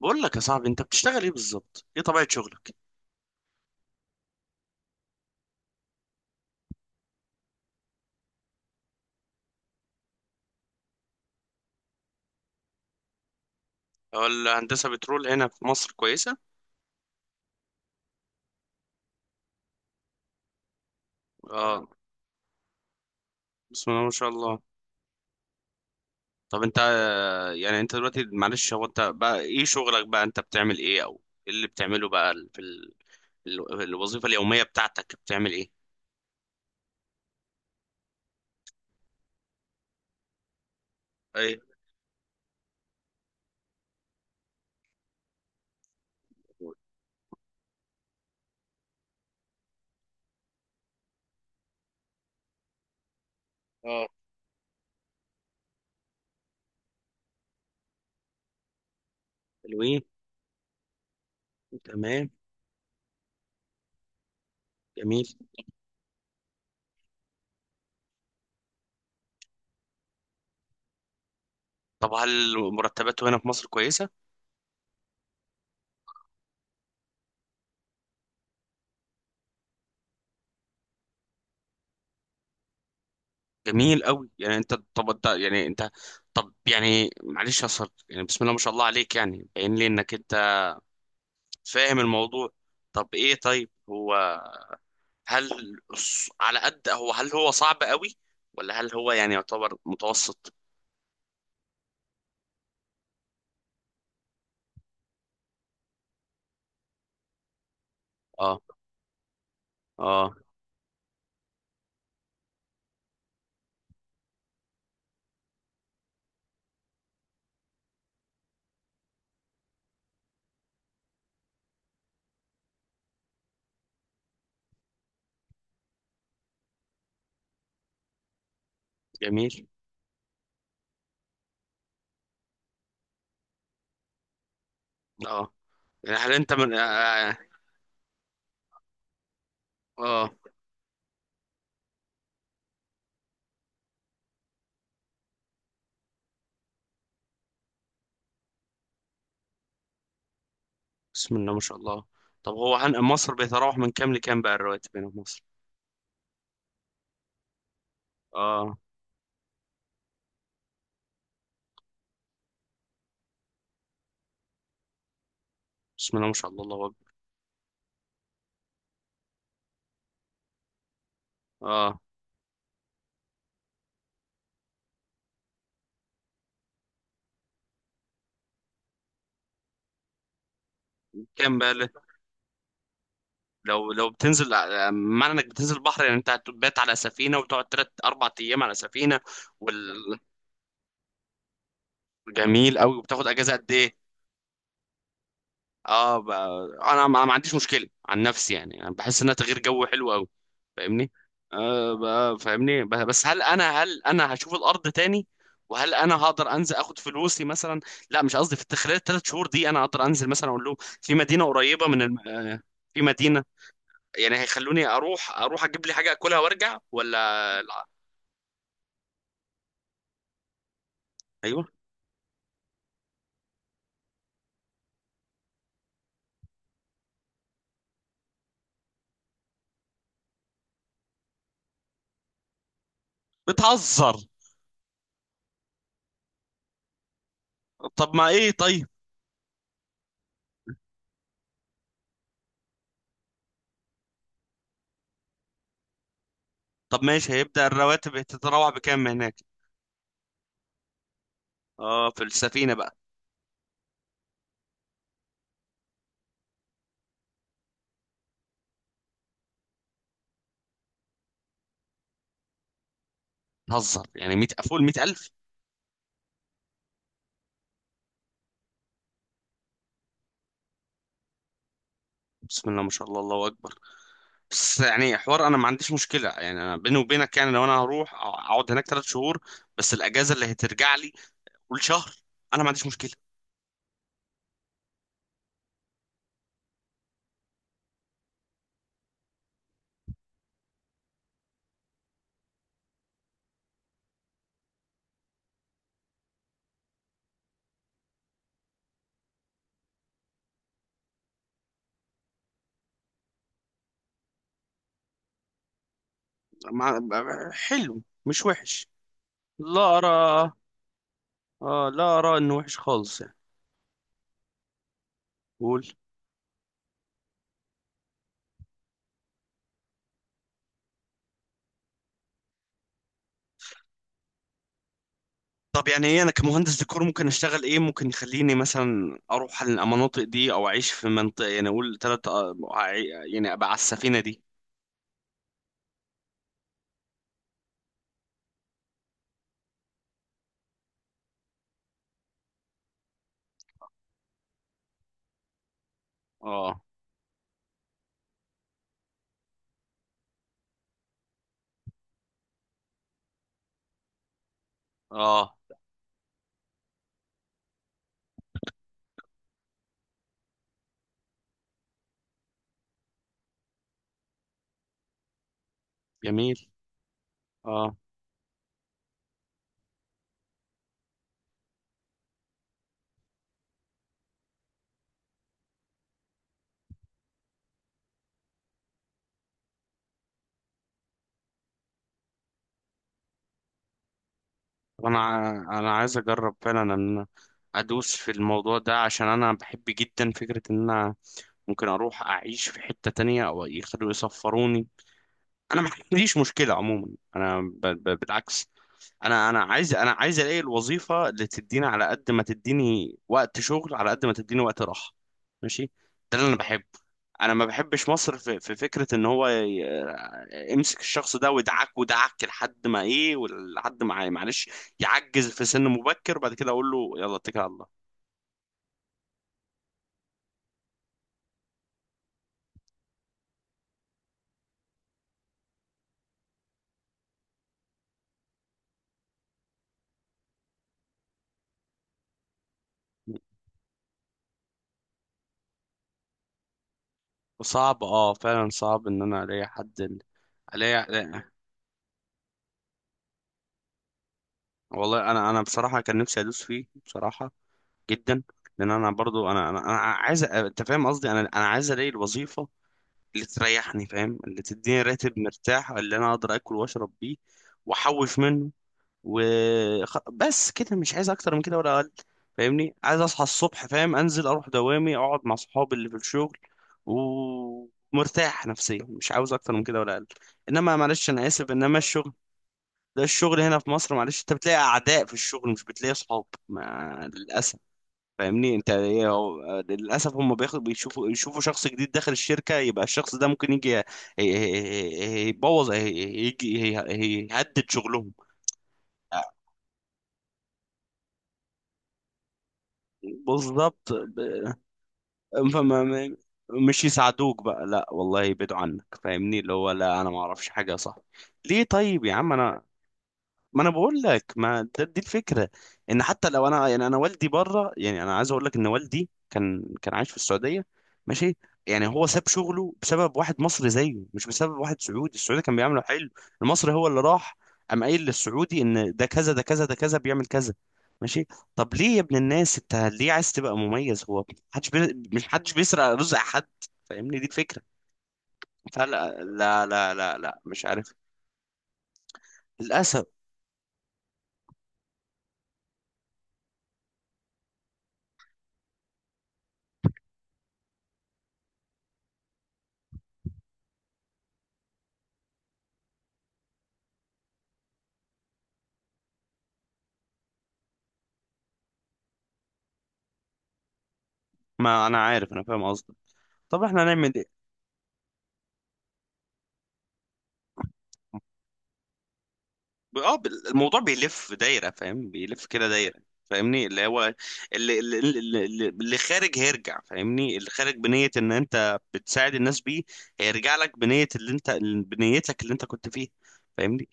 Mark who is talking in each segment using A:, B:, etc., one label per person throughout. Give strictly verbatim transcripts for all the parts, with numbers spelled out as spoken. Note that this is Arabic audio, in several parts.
A: بقول لك يا صاحبي، انت بتشتغل ايه بالظبط؟ ايه طبيعة شغلك؟ هو الهندسة بترول هنا في مصر كويسة؟ اه، بسم الله ما شاء الله. طب انت آه، يعني انت دلوقتي معلش، هو انت بقى ايه شغلك؟ بقى انت بتعمل ايه؟ او ايه اللي بتعمله بقى ال- في ال... ال- الوظيفة اليومية بتاعتك بتعمل ايه؟ ايه؟ اه. حلوين. تمام. جميل. طب هل مرتباته هنا في مصر كويسة؟ جميل قوي. يعني انت، طب انت، يعني انت، طب يعني معلش يا صاحبي، يعني بسم الله ما شاء الله عليك، يعني باين لي انك فاهم الموضوع. طب ايه؟ طيب هو، هل الص- على قد هو، هل هو صعب قوي؟ ولا هل هو يعني يعتبر متوسط؟ اه. اه. جميل. اه، يعني هل انت من اه, آه. آه، بسم الله ما شاء الله. طب هو هن... مصر بيتراوح من كام لكام بقى الرواتب هنا في مصر؟ اه. بسم الله ما شاء الله، الله اكبر. اه، كام بقى ل- لو، لو بتنزل ع- معنى انك بتنزل البحر، يعني انت هتبات على سفينة وتقعد تلات اربع ايام على سفينة، وال. جميل قوي، وبتاخد اجازة قد ايه؟ اه، ب... انا ما ما عنديش مشكله عن نفسي، يعني يعني بحس انها تغيير جو حلو قوي، فاهمني؟ آه، ب... فاهمني، ب... بس هل انا، هل انا هشوف الارض تاني؟ وهل انا هقدر انزل اخد فلوسي مثلا؟ لا، مش قصدي، في خلال الثلاث شهور دي انا هقدر انزل مثلا اقول لهم في مدينه قريبه من الم... آه، في مدينه، يعني هيخلوني اروح، اروح اجيب لي حاجه اكلها وارجع؟ ولا لا. ايوه. بتهزر. طب ما ايه؟ طيب، طب ماشي، هيبدأ الرواتب تتراوح بكام هناك؟ اه، في السفينه بقى. بتهزر، يعني مية فوق ال مية الف؟ بسم الله ما شاء الله، الله اكبر. بس يعني حوار انا ما عنديش مشكله، يعني انا بيني وبينك يعني لو انا هروح اقعد هناك ثلاث شهور، بس الاجازه اللي هترجع لي كل شهر، انا ما عنديش مشكله. ما... حلو، مش وحش، لا ارى. آه، لا ارى انه وحش خالص يعني. قول. طب يعني ايه؟ انا كمهندس ديكور ممكن اشتغل ايه؟ ممكن يخليني مثلا اروح على المناطق دي او اعيش في منطقه، يعني اقول ثلاث، يعني ابقى على السفينه دي. اه. اه. جميل. اه، طب انا ع- انا عايز اجرب فعلا ان انا ادوس في الموضوع ده، عشان انا بحب جدا فكرة ان انا ممكن اروح اعيش في حتة تانية او يخلوا يسفروني. انا ما عنديش مشكلة عموما. انا ب... ب... بالعكس، انا انا عايز، انا عايز الاقي الوظيفه اللي تديني على قد ما تديني وقت شغل، على قد ما تديني وقت راحه. ماشي، ده اللي انا بحبه. انا ما بحبش مصر في, في فكره ان هو ي- يمسك الشخص ده ويدعك ودعك لحد ما ايه، ولحد ما معلش يعجز في سن مبكر، وبعد كده اقول له يلا اتكل على الله. صعب، اه فعلا صعب ان انا الاقي حد ال- الاقي ألاقي- والله انا، انا بصراحه كان نفسي ادوس فيه بصراحه، جدا. لان انا برضو انا انا, أنا عايز أ- انت فاهم قصدي، انا انا عايز الاقي الوظيفه اللي تريحني، فاهم، اللي تديني راتب مرتاح، اللي انا اقدر اكل واشرب بيه واحوش منه، و خ- بس كده، مش عايز اكتر من كده ولا اقل. فاهمني؟ عايز اصحى الصبح، فاهم، انزل اروح دوامي، اقعد مع صحابي اللي في الشغل، ومرتاح نفسيا، مش عاوز اكتر من كده ولا اقل. انما معلش انا اسف، انما الشغل، ده الشغل هنا في مصر معلش، انت بتلاقي اعداء في الشغل، مش بتلاقي صحاب، ما للاسف. فاهمني انت ايه؟ هو للاسف هم بياخد، بيشوفوا، يشوفوا شخص جديد داخل الشركه، يبقى الشخص ده ممكن يجي ي- ي- يبوظ، يجي يهدد شغلهم. بالظبط. ب- فما م- مش يساعدوك بقى، لا والله، يبعدوا عنك. فاهمني؟ اللي هو لا انا ما اعرفش حاجه صح. ليه؟ طيب يا عم انا، ما انا بقول لك، ما ده، دي الفكره ان حتى لو انا، يعني انا والدي بره، يعني انا عايز اقول لك ان والدي كان كان عايش في السعوديه، ماشي، يعني هو ساب شغله بسبب واحد مصري زيه، مش بسبب واحد سعودي. السعودي كان بيعمله حلو، المصري هو اللي راح قام قايل للسعودي ان ده كذا، ده كذا، ده كذا، بيعمل كذا. ماشي؟ طب ليه يا ابن الناس؟ انت ليه عايز تبقى مميز؟ هو محدش بي... مش حدش بيسرق رزق حد. فاهمني؟ دي الفكره. فلا لا لا لا لا، مش عارف. للاسف. ما انا عارف، انا فاهم قصدك. طب احنا هنعمل إيه؟ اه، بال- الموضوع بيلف دايره، فاهم؟ بيلف كده دايره. فاهمني اللي هو اللي اللي, اللي, اللي اللي خارج هيرجع، فاهمني؟ اللي خارج بنيه ان انت بتساعد الناس بيه، هيرجع لك بنيه اللي انت، بنيتك اللي انت كنت فيها. فاهمني؟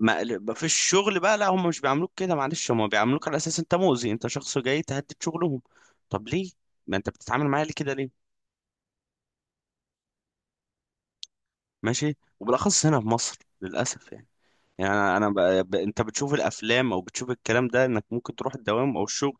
A: ما ما في الشغل بقى لا، هم مش بيعاملوك كده معلش، هم بيعاملوك على اساس انت مؤذي، انت شخص جاي تهدد شغلهم. طب ليه؟ ما انت بتتعامل معايا ليه كده؟ ليه؟ ماشي، وبالاخص هنا في مصر للاسف يعني. يعني انا انا ب... ب... انت بتشوف الافلام او بتشوف الكلام ده، انك ممكن تروح الدوام او الشغل،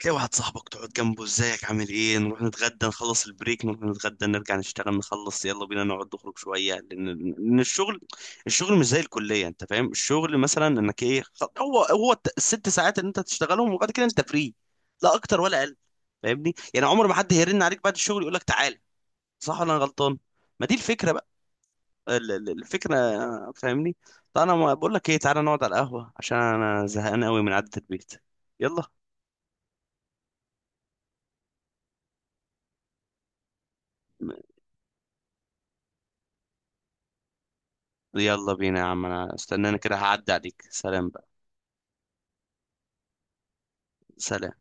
A: تلاقي واحد صاحبك، تقعد جنبه، ازيك، عامل ايه، نروح نتغدى، نخلص البريك نروح نتغدى، نرجع نشتغل، نخلص يلا بينا نقعد نخرج شويه، لان لأن الشغل، الشغل مش زي الكليه انت فاهم، الشغل مثلا انك ايه خ- هو هو الت- الست ساعات اللي انت هتشتغلهم، وبعد كده انت فري، لا اكتر ولا اقل. فاهمني؟ يعني عمر ما حد هيرن عليك بعد الشغل يقول لك تعال. صح ولا انا غلطان؟ ما دي الفكره بقى، ال- ال- الفكره. فاهمني؟ طب انا ما- بقول لك ايه، تعالى نقعد على القهوه عشان انا زهقان قوي من قعده البيت. يلا. يلا بينا يا عم، انا استناني كده هعدي عليك، سلام بقى. سلام.